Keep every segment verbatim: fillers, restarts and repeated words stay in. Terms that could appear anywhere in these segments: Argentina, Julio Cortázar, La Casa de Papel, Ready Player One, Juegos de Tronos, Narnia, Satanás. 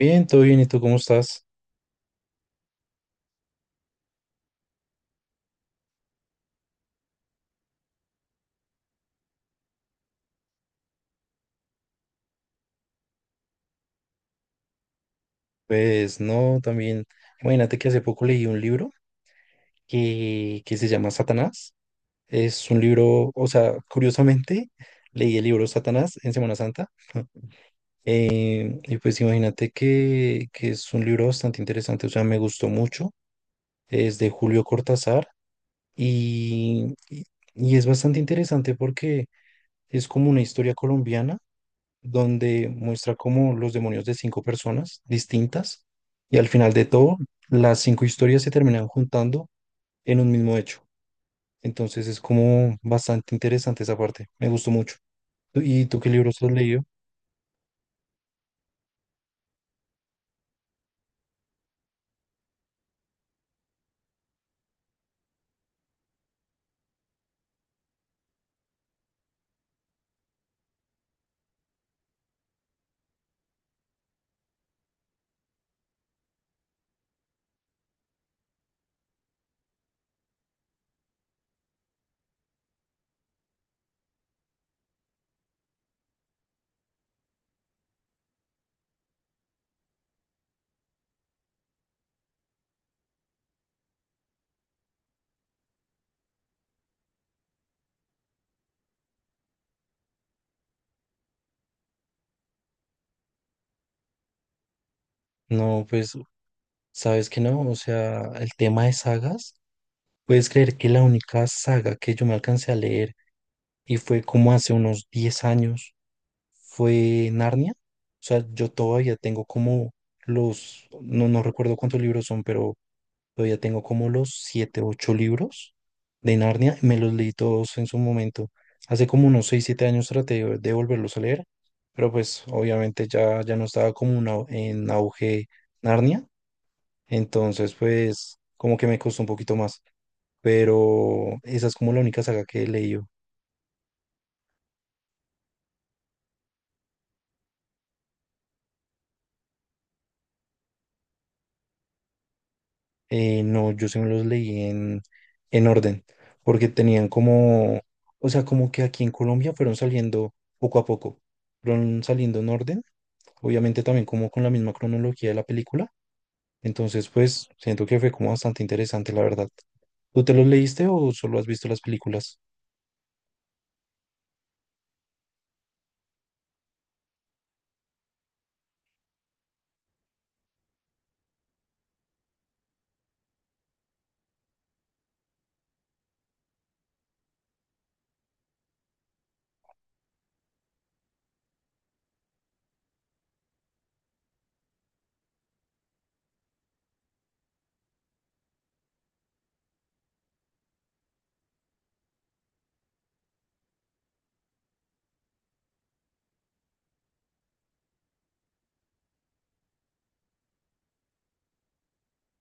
Bien, todo bien, ¿y tú cómo estás? Pues no, también, imagínate que hace poco leí un libro que, que se llama Satanás. Es un libro, o sea, curiosamente, leí el libro Satanás en Semana Santa. Eh, y pues imagínate que, que es un libro bastante interesante, o sea, me gustó mucho. Es de Julio Cortázar y, y y es bastante interesante porque es como una historia colombiana donde muestra como los demonios de cinco personas distintas, y al final de todo las cinco historias se terminan juntando en un mismo hecho. Entonces es como bastante interesante esa parte, me gustó mucho. ¿Tú- ¿Y tú qué libros has leído? No, pues sabes que no, o sea, el tema de sagas, ¿puedes creer que la única saga que yo me alcancé a leer, y fue como hace unos diez años, fue Narnia? O sea, yo todavía tengo como los, no, no recuerdo cuántos libros son, pero todavía tengo como los siete, ocho libros de Narnia. Me los leí todos en su momento. Hace como unos seis, siete años traté de de volverlos a leer, pero pues obviamente ya, ya no estaba como un au- en auge Narnia. Entonces pues como que me costó un poquito más. Pero esa es como la única saga que he leído. Eh, no, yo sí me los leí en, en orden, porque tenían como, o sea, como que aquí en Colombia fueron saliendo poco a poco, fueron saliendo en orden, obviamente también como con la misma cronología de la película. Entonces, pues siento que fue como bastante interesante, la verdad. ¿Tú te los leíste o solo has visto las películas?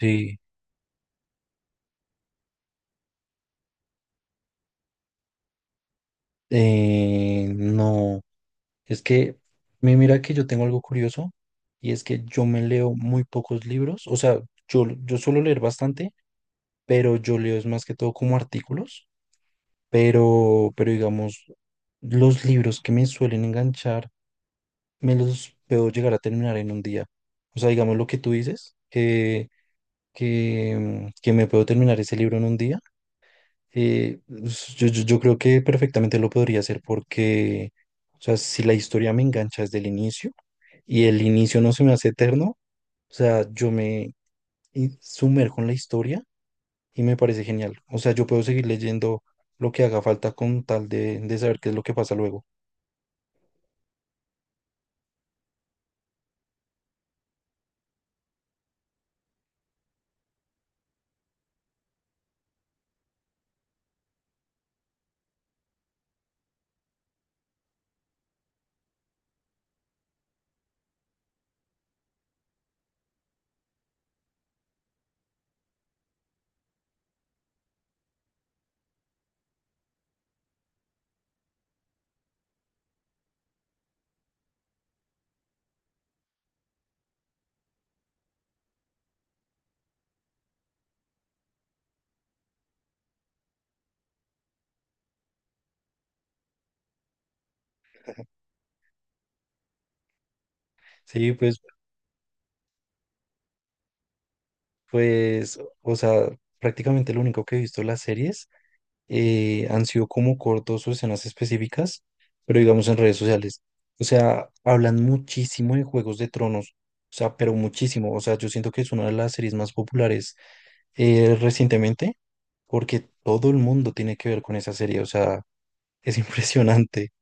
Sí. Eh, no, es que mi- mira que yo tengo algo curioso, y es que yo me leo muy pocos libros, o sea, yo, yo suelo leer bastante, pero yo leo es más que todo como artículos, pero, pero digamos, los libros que me suelen enganchar me los puedo llegar a terminar en un día. O sea, digamos lo que tú dices, que, que, que me puedo terminar ese libro en un día. eh, s- yo, yo, yo creo que perfectamente lo podría hacer porque, o sea, si la historia me engancha desde el inicio y el inicio no se me hace eterno, o sea, yo me in- sumerjo en la historia y me parece genial. O sea, yo puedo seguir leyendo lo que haga falta con tal de de saber qué es lo que pasa luego. Sí, pues, pues, o sea, prácticamente lo único que he visto en las series eh, han sido como cortos o escenas específicas, pero digamos en redes sociales. O sea, hablan muchísimo de Juegos de Tronos, o sea, pero muchísimo. O sea, yo siento que es una de las series más populares eh, recientemente, porque todo el mundo tiene que ver con esa serie, o sea, es impresionante.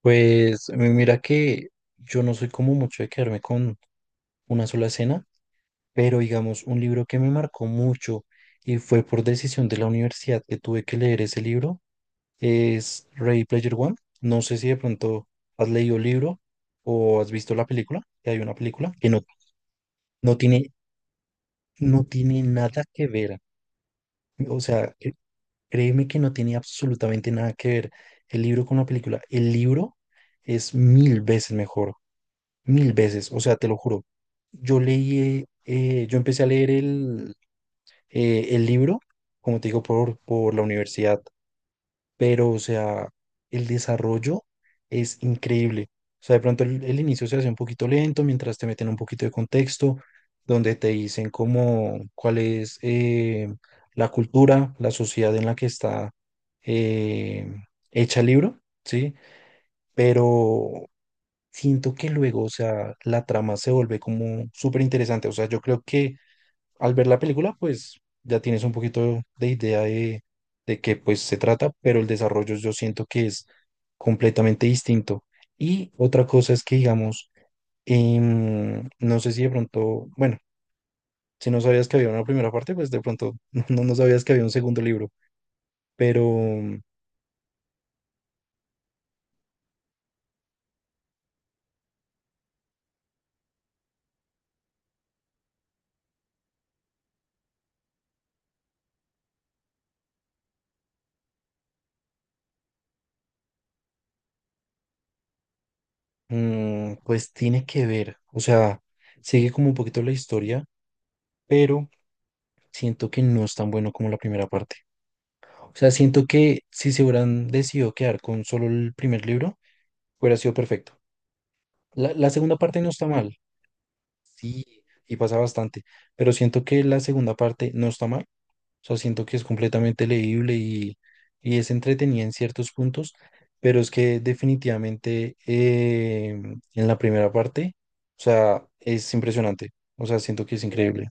Pues mi- mira que yo no soy como mucho de quedarme con una sola escena, pero digamos, un libro que me marcó mucho, y fue por decisión de la universidad que tuve que leer ese libro, es Ready Player One. No sé si de pronto has leído el libro o has visto la película, que hay una película que no, no tiene, no tiene nada que ver. O sea, cre- créeme que no tiene absolutamente nada que ver el libro con la película. El libro es mil veces mejor, mil veces, o sea, te lo juro. Yo leí, eh, yo empecé a leer el, eh, el libro, como te digo, por, por la universidad. Pero o sea, el desarrollo es increíble. O sea, de pronto el, el inicio se hace un poquito lento mientras te meten un poquito de contexto, donde te dicen cómo, cuál es eh, la cultura, la sociedad en la que está eh, hecha el libro, ¿sí? Pero siento que luego, o sea, la trama se vuelve como súper interesante. O sea, yo creo que al ver la película, pues ya tienes un poquito de idea de de qué pues se trata, pero el desarrollo yo siento que es completamente distinto. Y otra cosa es que, digamos, em, no sé si de pronto, bueno, si no sabías que había una primera parte, pues de pronto no, no sabías que había un segundo libro, pero mm, pues tiene que ver, o sea, sigue como un poquito la historia, pero siento que no es tan bueno como la primera parte. O sea, siento que si se hubieran decidido quedar con solo el primer libro, hubiera sido perfecto. La, la segunda parte no está mal, sí, y pasa bastante, pero siento que la segunda parte no está mal. O sea, siento que es completamente leíble, y, y es entretenida en ciertos puntos, pero es que definitivamente eh, en la primera parte, o sea, es impresionante. O sea, siento que es increíble.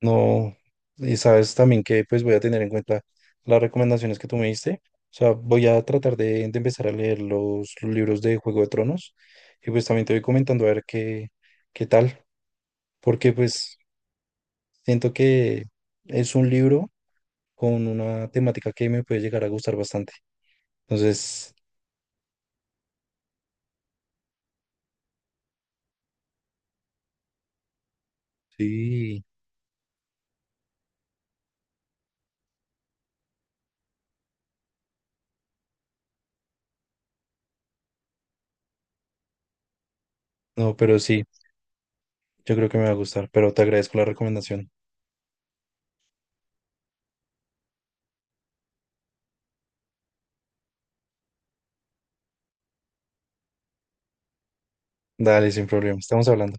No, y sabes también que pues voy a tener en cuenta las recomendaciones que tú me diste. O sea, voy a tratar de de empezar a leer los libros de Juego de Tronos, y pues también te voy comentando a ver qué, qué tal, porque pues siento que es un libro con una temática que me puede llegar a gustar bastante. Entonces, sí, no, pero sí, yo creo que me va a gustar, pero te agradezco la recomendación. Dale, sin problema, estamos hablando.